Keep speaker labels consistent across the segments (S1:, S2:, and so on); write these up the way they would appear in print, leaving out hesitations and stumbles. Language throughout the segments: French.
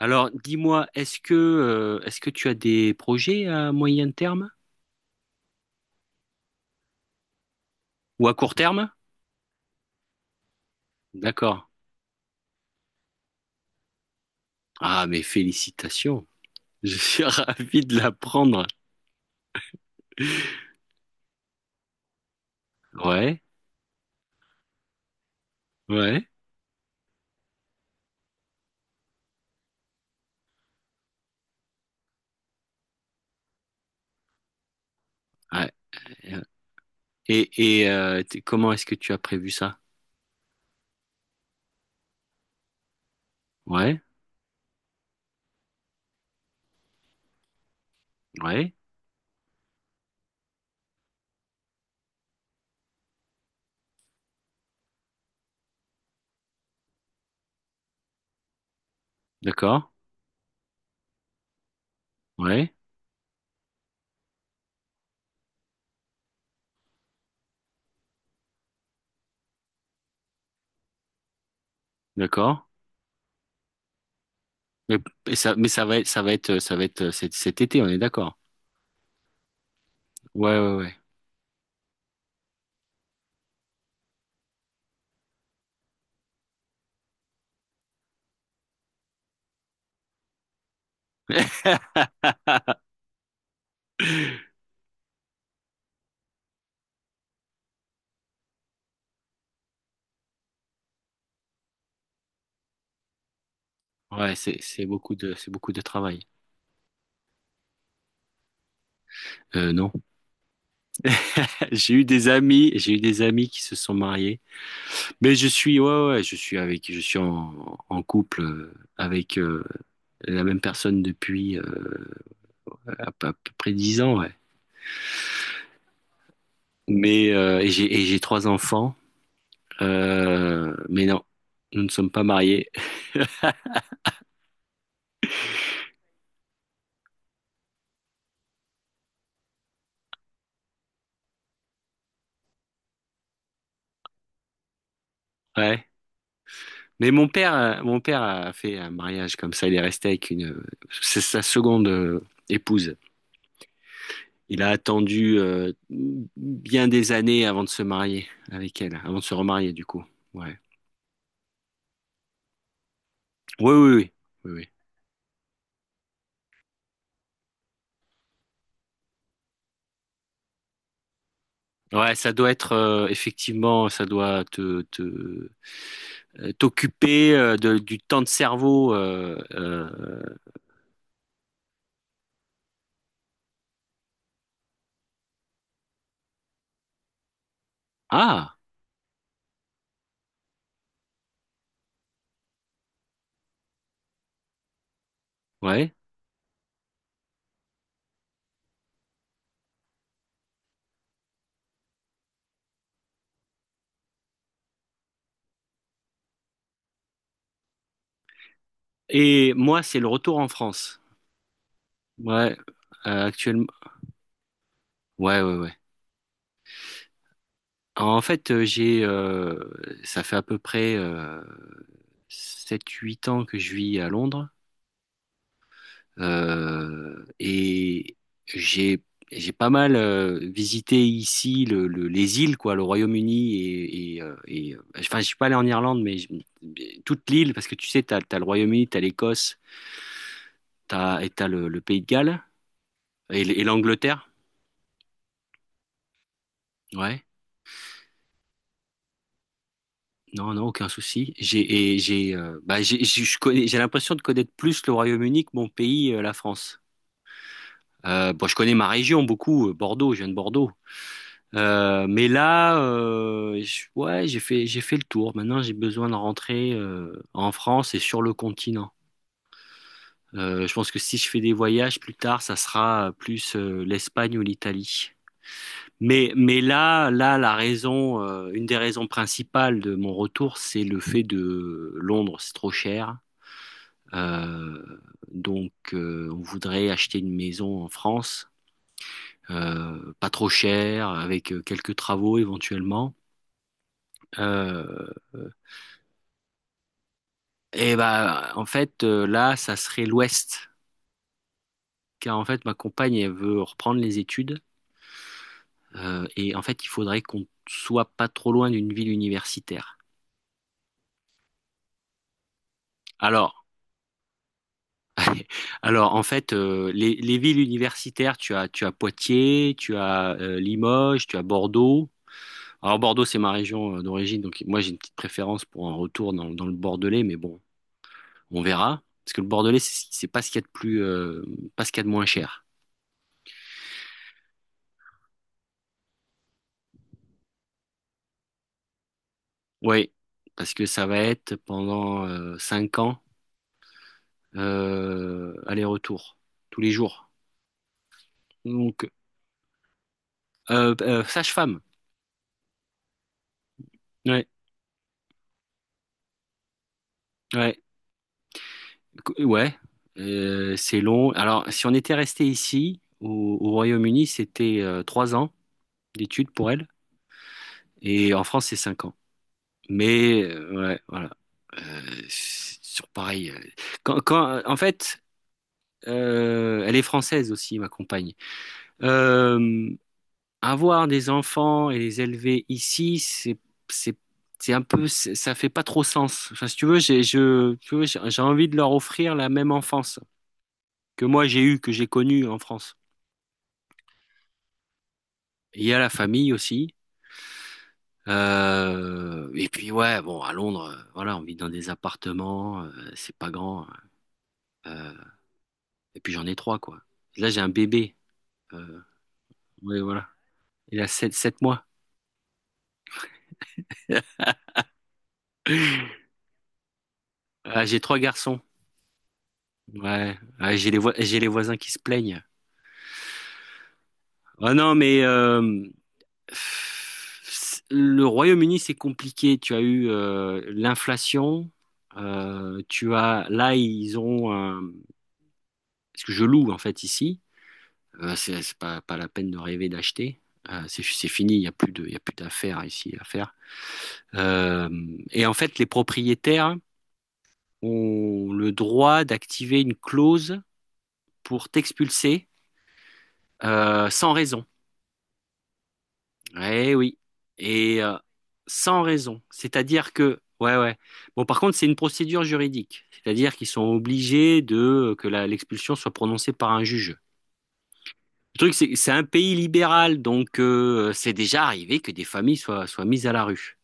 S1: Alors, dis-moi, est-ce que tu as des projets à moyen terme ou à court terme? D'accord. Ah, mais félicitations. Je suis ravi de l'apprendre. Ouais, ouais, ouais. Et comment est-ce que tu as prévu ça? Ouais, ouais, d'accord, ouais, d'accord. Mais, mais ça va être cet été, on est d'accord. Ouais, ouais, ouais. Ouais, c'est beaucoup de travail. Non. J'ai eu des amis qui se sont mariés. Mais, ouais, ouais, ouais, je suis en couple avec la même personne depuis à peu près 10 ans, ouais. Mais et j'ai 3 enfants, mais non, nous ne sommes pas mariés. Ouais. Mais mon père a fait un mariage comme ça. Il est resté avec une, C'est sa seconde épouse. Il a attendu bien des années avant de se marier avec elle, avant de se remarier du coup. Ouais. Ouais, oui, oui, oui. Oui, ouais, ça doit être effectivement, ça doit te, te t'occuper du temps de cerveau. Ah, ouais. Et moi, c'est le retour en France. Ouais, actuellement. Ouais, ouais, ouais. En fait, ça fait à peu près 7-8 ans que je vis à Londres. Et j'ai j'ai pas mal visité ici les îles, quoi, le Royaume-Uni, enfin, je suis pas allé en Irlande, toute l'île, parce que tu sais, t'as le Royaume-Uni, t'as l'Écosse, t'as le Pays de Galles et l'Angleterre. Ouais, non, non, aucun souci. J'ai et j'ai bah, j'ai Je connais, j'ai l'impression de connaître plus le Royaume-Uni que mon pays, la France. Bon, je connais ma région beaucoup, Bordeaux, je viens de Bordeaux. Mais là, ouais, j'ai fait le tour. Maintenant, j'ai besoin de rentrer en France et sur le continent. Je pense que si je fais des voyages plus tard, ça sera plus l'Espagne ou l'Italie. Mais une des raisons principales de mon retour, c'est le fait de Londres, c'est trop cher. Euh, donc, on voudrait acheter une maison en France, pas trop cher, avec quelques travaux éventuellement. Euh, Et bah en fait là ça serait l'ouest, car en fait ma compagne elle veut reprendre les études, et en fait il faudrait qu'on soit pas trop loin d'une ville universitaire. Alors alors en fait les villes universitaires, tu as Poitiers, tu as Limoges, tu as Bordeaux. Alors Bordeaux c'est ma région d'origine, donc moi j'ai une petite préférence pour un retour dans le Bordelais, mais bon, on verra parce que le Bordelais c'est pas ce qu'il y a de plus pas ce qu'il y a de moins cher. Oui, parce que ça va être pendant 5 ans, aller-retour tous les jours. Donc sage-femme. Ouais, ouais, ouais. C'est long. Alors si on était resté ici au Royaume-Uni, c'était 3 ans d'études pour elle, et en France c'est 5 ans. Mais, ouais, voilà. Euh, c'est sur pareil. En fait, elle est française aussi, ma compagne. Euh, Avoir des enfants et les élever ici, c'est, c'est un peu, c'est- ça fait pas trop sens. Enfin, si tu veux, tu vois, j'ai envie de leur offrir la même enfance que moi j'ai eue, que j'ai connue en France. Il y a la famille aussi. Et puis ouais, bon, à Londres, voilà, on vit dans des appartements, c'est pas grand. Euh, et puis j'en ai trois, quoi. Là, j'ai un bébé. Euh, ouais, voilà. Il a sept mois. Ah, j'ai 3 garçons. Ouais, ouais, j'ai les voisins qui se plaignent. Ah non, mais le Royaume-Uni, c'est compliqué. Tu as eu l'inflation. Tu as là, ils ont un- parce que je loue en fait ici. C'est pas la peine de rêver d'acheter. C'est fini. Il y a plus d'affaires ici à faire. Euh, et en fait, les propriétaires ont le droit d'activer une clause pour t'expulser sans raison. Eh oui. Et euh, Sans raison. C'est-à-dire que, ouais, ouais. Bon, par contre, c'est une procédure juridique. C'est-à-dire qu'ils sont obligés de que l'expulsion soit prononcée par un juge. Le truc, c'est un pays libéral, donc c'est déjà arrivé que des familles soient mises à la rue.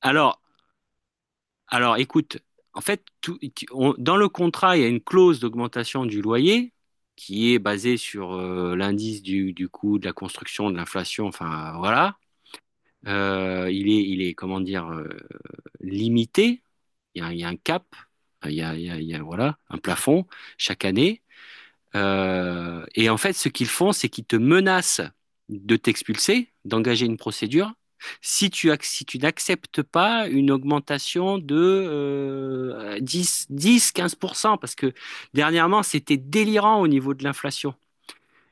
S1: Alors, Écoute, en fait, dans le contrat, il y a une clause d'augmentation du loyer qui est basée sur l'indice du coût de la construction, de l'inflation, enfin voilà. Il est comment dire, limité. Il y a un cap, il y a, voilà, un plafond chaque année. Et en fait, ce qu'ils font, c'est qu'ils te menacent de t'expulser, d'engager une procédure, si si tu n'acceptes pas une augmentation de 15%, parce que dernièrement, c'était délirant au niveau de l'inflation.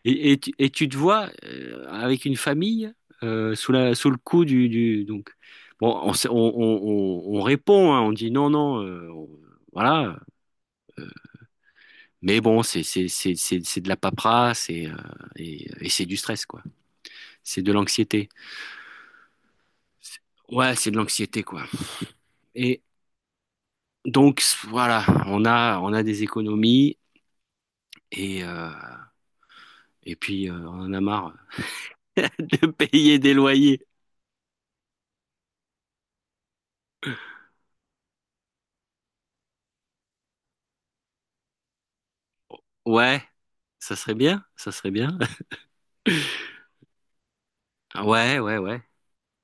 S1: Et tu te vois avec une famille, sous sous le coup donc bon, on, s- on répond, hein, on dit non, non, voilà, mais bon, c'est de la paperasse, et et c'est du stress, quoi, c'est de l'anxiété. C'est- ouais, c'est de l'anxiété, quoi. Et donc voilà, on a des économies, et euh, et puis on en a marre de payer des loyers. Ouais, ça serait bien, ça serait bien, ouais, ouais, ouais.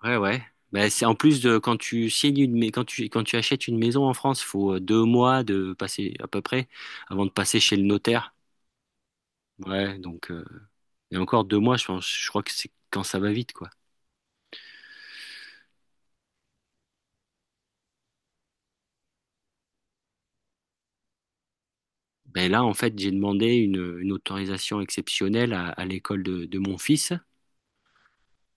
S1: Ouais, ouais. Bah, c'est en plus de quand tu achètes une maison en France, faut 2 mois de passer à peu près avant de passer chez le notaire. Ouais, donc et encore 2 mois, je pense, je crois que c'est quand ça va vite, quoi. Ben là, en fait, j'ai demandé une autorisation exceptionnelle à l'école de mon fils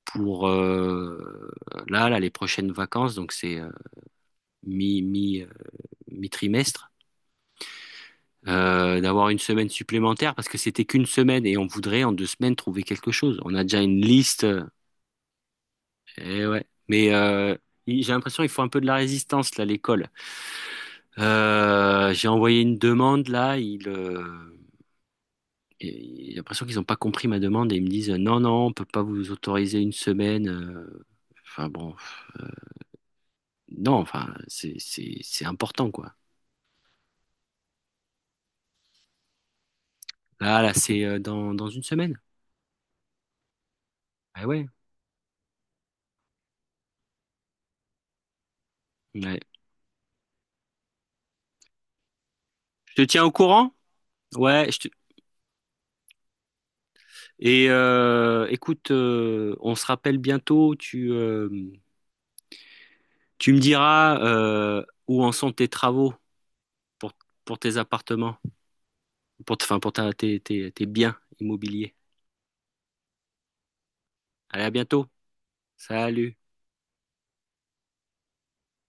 S1: pour les prochaines vacances, donc c'est mi mi mi-trimestre. D'avoir une semaine supplémentaire parce que c'était qu'une semaine et on voudrait en 2 semaines trouver quelque chose. On a déjà une liste. Et ouais. Mais j'ai l'impression qu'il faut un peu de la résistance là, à l'école. J'ai envoyé une demande là. J'ai l'impression qu'ils n'ont pas compris ma demande et ils me disent non, non, on peut pas vous autoriser une semaine. Enfin bon, non, enfin c'est important, quoi. C'est dans une semaine. Ah ouais. Ouais. Je te tiens au courant? Ouais. Et écoute, on se rappelle bientôt. Tu me diras où en sont tes travaux pour, pour tes appartements, pour, enfin, pour tes biens immobiliers. Allez, à bientôt. Salut.